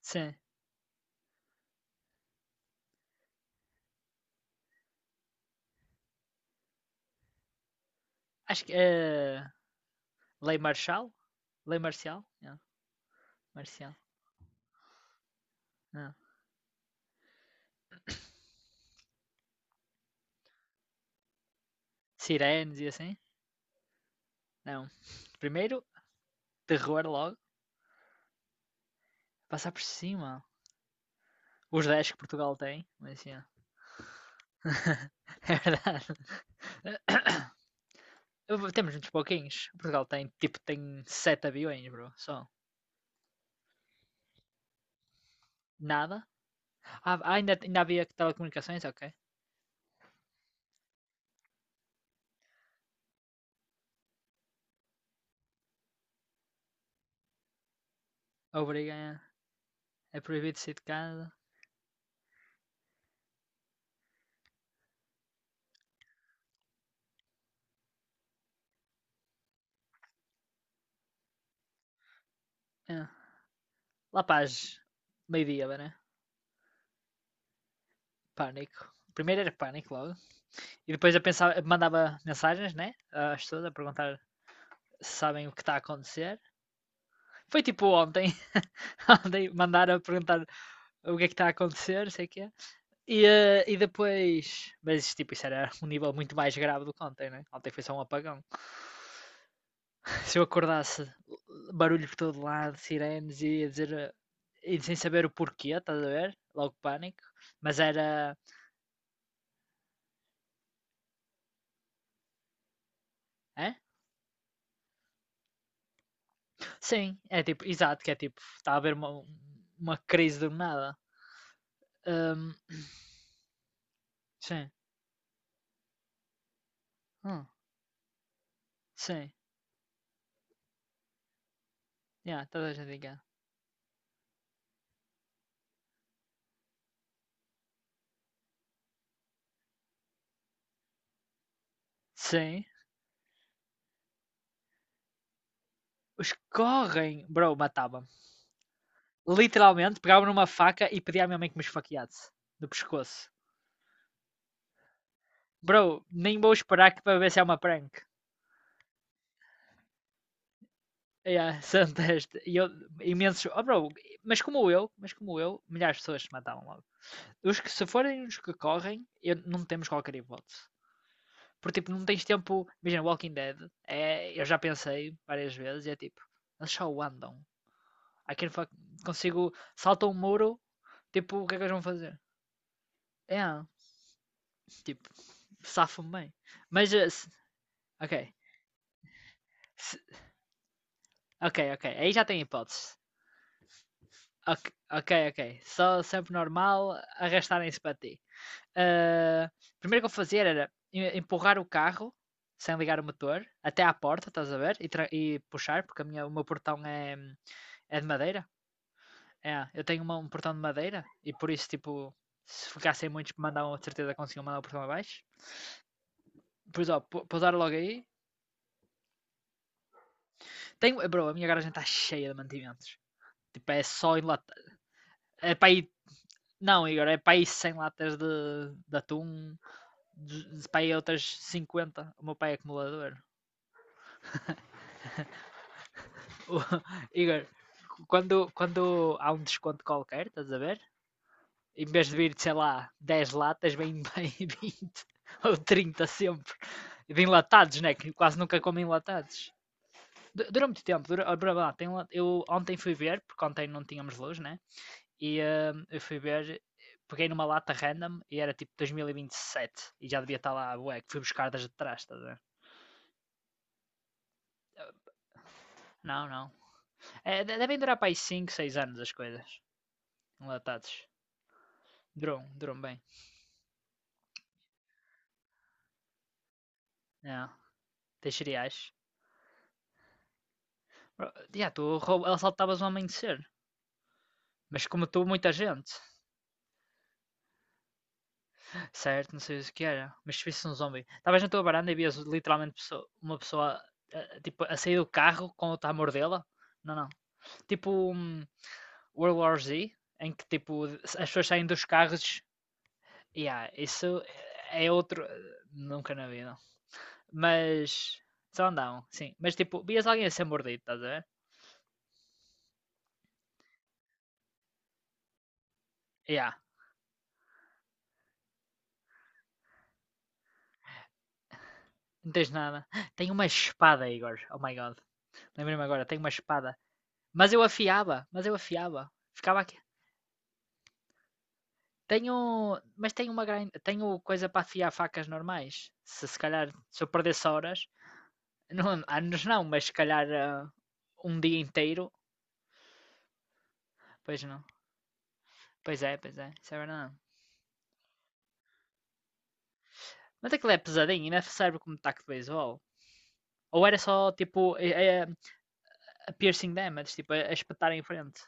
Sim. Acho que, lei marcial? Lei marcial? Não, marcial. Não. Sirenes e assim? Não. Primeiro, terror logo. Passar por cima. Os 10 que Portugal tem. Mas assim, ó. É verdade. Temos muitos pouquinhos. Portugal tem, tipo, tem 7 aviões, bro. Só. Nada. Ah, ah, ainda havia telecomunicações? Ok. Obriga. É proibido sair de casa. É. Lá para as meio-dia, né? Pânico. Primeiro era pânico logo. E depois eu pensava, mandava mensagens, né? Às pessoas a perguntar se sabem o que está a acontecer. Foi tipo ontem, ontem mandaram a perguntar o que é que está a acontecer, sei o que é. E depois. Mas tipo, isso era um nível muito mais grave do que ontem, né? Ontem foi só um apagão. Se eu acordasse barulho por todo lado, sirenes e ia dizer, e sem saber o porquê, estás a ver? Logo pânico. Mas era. É? Sim, é tipo, exato, que é tipo, está a haver uma crise do nada. Ahm, sim. Hum, sim. Yeah, toda a gente em. Sim. Os que correm, bro, matava-me. Literalmente, pegava numa faca e pedia à minha mãe que me esfaqueasse. Do pescoço. Bro, nem vou esperar que para ver se é uma prank. Yeah, são este, e eu, imensos. Oh, bro, mas como eu, milhares de pessoas se matavam logo. Os que se forem os que correm, eu, não temos qualquer hipótese. Porque, tipo, não tens tempo. Imagina, Walking Dead. É, eu já pensei várias vezes e é tipo, eles só andam. I can fuck. Consigo. Salta um muro. Tipo, o que é que eles vão fazer? É. Yeah, tipo, safo-me bem. Mas, ok. Ok, ok. Aí já tem hipóteses. Ok, ok, ok. Só sempre normal arrastarem-se para ti. Ah, primeiro que eu fazia era empurrar o carro sem ligar o motor até à porta, estás a ver? E, e puxar, porque a minha, o meu portão é de madeira. É, eu tenho um portão de madeira e por isso, tipo, se ficassem muitos que mandavam, de certeza conseguiam mandar o portão abaixo. Pois ó, pousar logo aí. Tenho, bro, a minha garagem está cheia de mantimentos. Tipo, é só em lata. É para ir. Não, Igor, é para aí 100 latas de atum, para aí outras 50. O meu pai é acumulador. Igor, quando há um desconto qualquer, estás a ver? Em vez de vir, sei lá, 10 latas, vem bem 20 ou 30 sempre. De enlatados, né? Que quase nunca comem enlatados. Dura muito tempo, dura lá, tem, eu ontem fui ver, porque ontem não tínhamos luz, né? E eu fui ver, peguei numa lata random e era tipo dois mil e vinte e sete, e já devia estar lá, ué, que fui buscar das de trás, estás a. Não, não. É, devem durar para aí 5, 6 anos as coisas, enlatados. Duram, duram bem. Não, tens cereais. Já, tu assaltavas o amanhecer. Mas como matou muita gente. Certo, não sei o que era, mas se visse um zombie. Estavas na tua varanda e vias literalmente uma pessoa, tipo, a sair do carro com outra a mordê-la. Não, não. Tipo um World War Z, em que tipo as pessoas saem dos carros. Yeah, isso é outro. Nunca na vida. Mas. Só andavam, sim. Mas tipo, vias alguém a ser mordido, estás a ver? Yeah, não tens nada. Tenho uma espada, Igor. Oh my god. Lembrei-me agora, tenho uma espada. Mas eu afiava, mas eu afiava. Ficava aqui. Tenho, mas tenho tenho coisa para afiar facas normais. Se se calhar, se eu perdesse horas, não, anos não, mas se calhar, um dia inteiro, pois não. Pois é, isso é verdade. Mas aquilo é pesadinho, ainda serve como um taco de beisebol. Ou era só tipo é, a piercing damage, tipo a espetar em frente.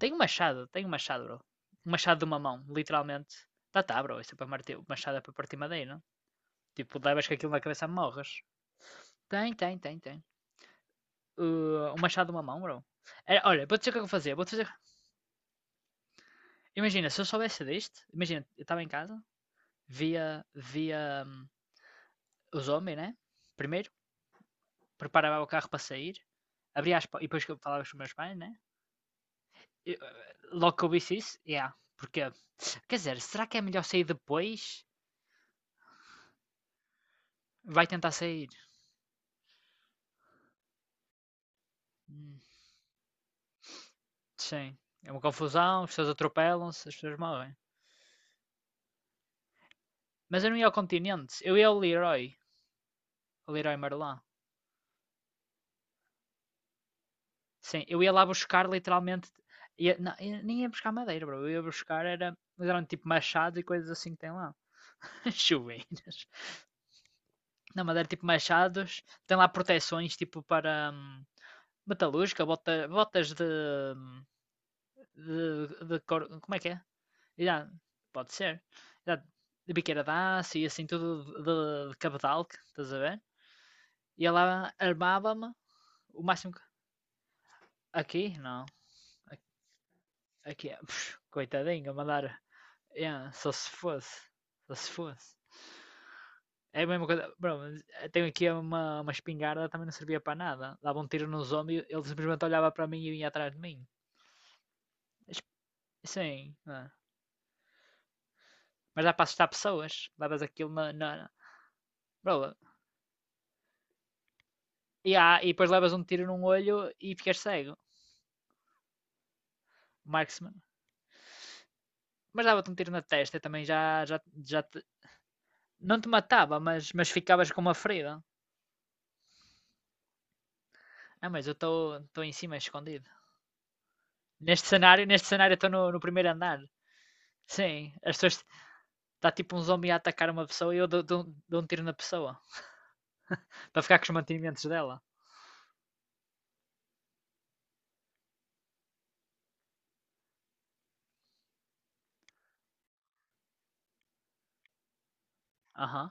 Tenho um machado, bro. Um machado de uma mão, literalmente. Tá, tá, bro, isso é para martir, machado é para partir madeira. Não. Tipo, levas com aquilo na cabeça e morres. Tem, tem, tem, tem. Um machado numa mão, bro. Era, olha, vou dizer o que é que eu fazia. Vou fazer. Vou-te dizer. Imagina, se eu soubesse deste, imagina, eu estava em casa, via os homens, né? Primeiro, preparava o carro para sair, abria e depois que eu falava com os meus pais, né? E, logo que eu visse isso, yeah. Porque, quer dizer, será que é melhor sair depois? Vai tentar sair. Hum, sim. É uma confusão, as pessoas atropelam-se, as pessoas morrem. Mas eu não ia ao continente, eu ia ao Leroy Merlin. Sim, eu ia lá buscar literalmente. Não, nem ia buscar madeira, bro. Eu ia buscar era, mas eram tipo machados e coisas assim que tem lá. Chuveiras. Não, madeira tipo machados. Tem lá proteções tipo para metalúrgica, botas de cor. Como é que é? Já, pode ser. Já, de biqueira de aço e assim tudo de cabedal, estás a ver? E ela armava-me o máximo que. Aqui? Não. Aqui é. Coitadinho, a mandar. Yeah, só se fosse. Só se fosse. É a mesma coisa. Bro, tenho aqui uma espingarda, também não servia para nada. Dava um tiro no zombie, ele simplesmente olhava para mim e vinha atrás de mim. Sim, é. Mas dá para assustar pessoas. Levas aquilo na. Bro, e depois levas um tiro num olho e ficas cego. Marksman. Mas dava-te um tiro na testa e também já não te matava, mas ficavas com uma ferida. Ah, mas eu estou em cima escondido. Neste cenário estou no primeiro andar. Sim, as pessoas. Está tipo um zombie a atacar uma pessoa e eu dou um tiro na pessoa. Para ficar com os mantimentos dela. Aham.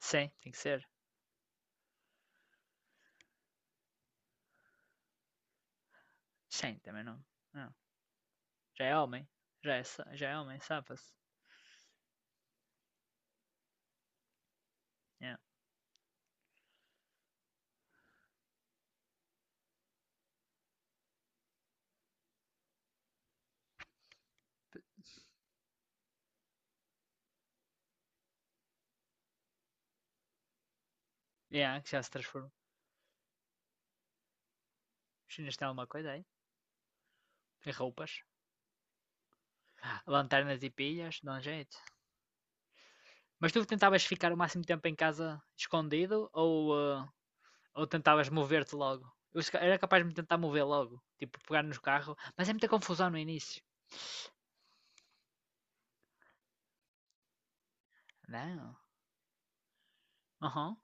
Sim, tem que ser. Sim, também não. Não. Já é homem. Já é, já é homem, safa-se. Yeah. Yeah, que já se transforma. Os chineses têm alguma coisa aí. E roupas. Lanternas e pilhas, dá um jeito. Mas tu tentavas ficar o máximo tempo em casa escondido ou, eh, ou tentavas mover-te logo? Eu se ca- era capaz de me tentar mover logo. Tipo, pegar no carro. Mas é muita confusão no início. Não. Aham.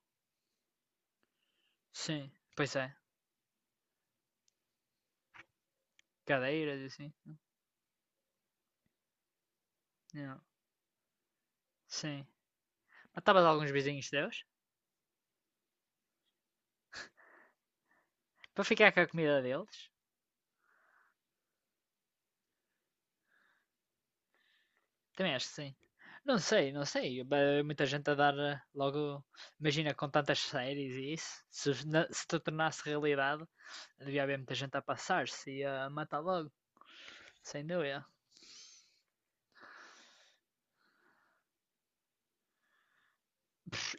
Sim. Pois é. Cadeiras e assim. Não. Sim. Matavas alguns vizinhos teus para ficar com a comida deles? Também acho que sim. Não sei, não sei. Muita gente a dar, logo. Imagina com tantas séries e isso. Se, os- na- se tu tornasse realidade, devia haver muita gente a passar-se e a matar logo, sem dúvida.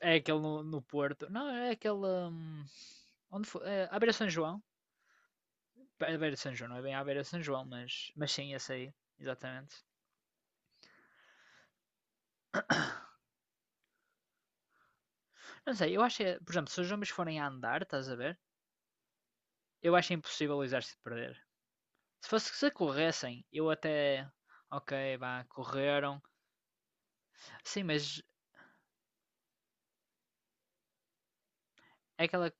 É aquele no, no Porto. Não, é aquele. Onde foi? É, à beira de São João. É à beira de São João, não é bem à beira de São João, mas sim, esse aí. Exatamente. Não sei, eu acho que, por exemplo, se os homens forem a andar, estás a ver? Eu acho impossível o Exército perder. Se fosse, se corressem, eu até. Ok, vá, correram. Sim, mas é aquela.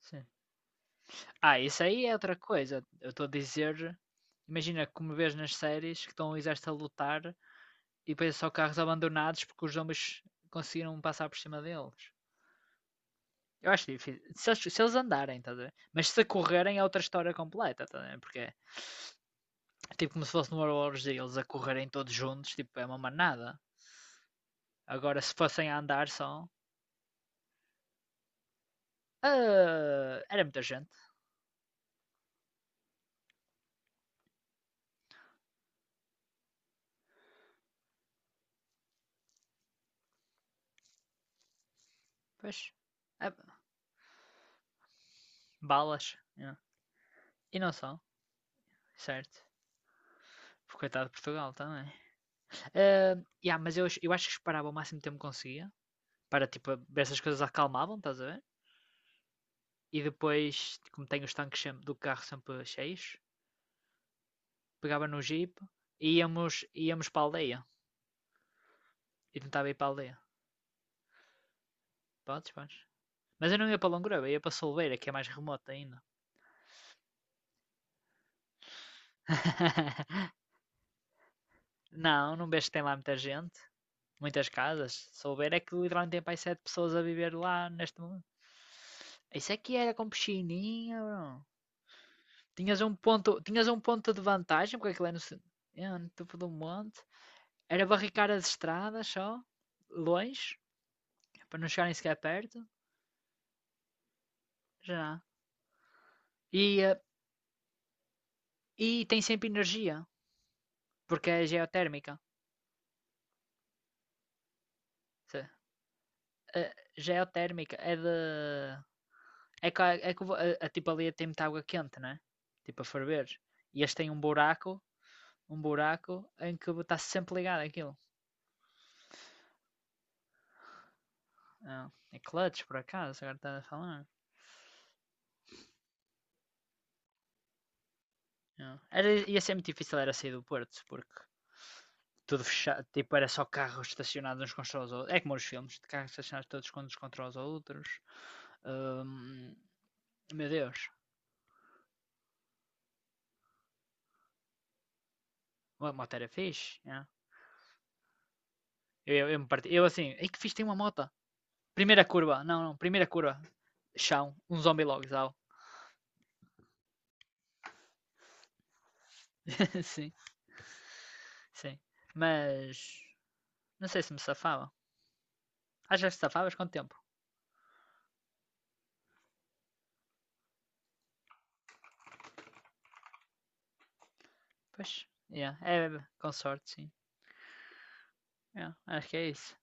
Sim. Ah, isso aí é outra coisa. Eu estou a dizer. Imagina como vês nas séries que estão o exército a lutar e depois é só carros abandonados porque os zombies conseguiram passar por cima deles. Eu acho difícil. Se eles andarem, tá a ver? Mas se correrem é outra história completa, tá a ver? Porque é tipo como se fosse no World War Z, eles a correrem todos juntos, tipo, é uma manada. Agora, se fossem a andar só. Ah, era muita gente. Pois. Ah, balas. Yeah. E não só, certo? Porque coitado de Portugal também. Ah, yeah, mas eu acho que esperava o máximo tempo que conseguia. Para tipo, ver se as coisas acalmavam, estás a ver? E depois, como tenho os tanques do carro sempre cheios, pegava no jeep e íamos para a aldeia. E tentava ir para a aldeia. Podes, podes. Mas eu não ia para Longroba, ia para Solveira, que é mais remoto ainda. Não, não vejo que tem lá muita gente. Muitas casas. Se souber é que literalmente tem para aí sete pessoas a viver lá neste mundo. Isso é que era com piscininha, bro. Tinhas um ponto de vantagem, porque aquilo é é no topo do monte. Era barricar as estradas só, longe, para não chegarem sequer perto. Já. E, eh, e tem sempre energia, porque é geotérmica. Se- Geotérmica é de. É que, é que tipo ali tem muita água quente, né? Tipo a ferver. E este tem um buraco em que está sempre ligado aquilo. Ah, é clutch, por acaso, agora está a falar. Ah. Era, ia ser muito difícil era sair do Porto, porque tudo fechado, tipo, era só carros estacionados uns contra os outros. É como os filmes, de carros estacionados todos uns contra os outros. Hum, Meu Deus, a moto era fixe. Yeah. Eu me parti, eu assim, ei que fixe, tem uma moto. Primeira curva, não, não, primeira curva. Chão, um zombie logo, zau. Sim, sim. Mas, não sei se me safava. Ah, já que safavas? Quanto tempo? Pois, yeah. É, com sorte, sim. Yeah, acho que é isso.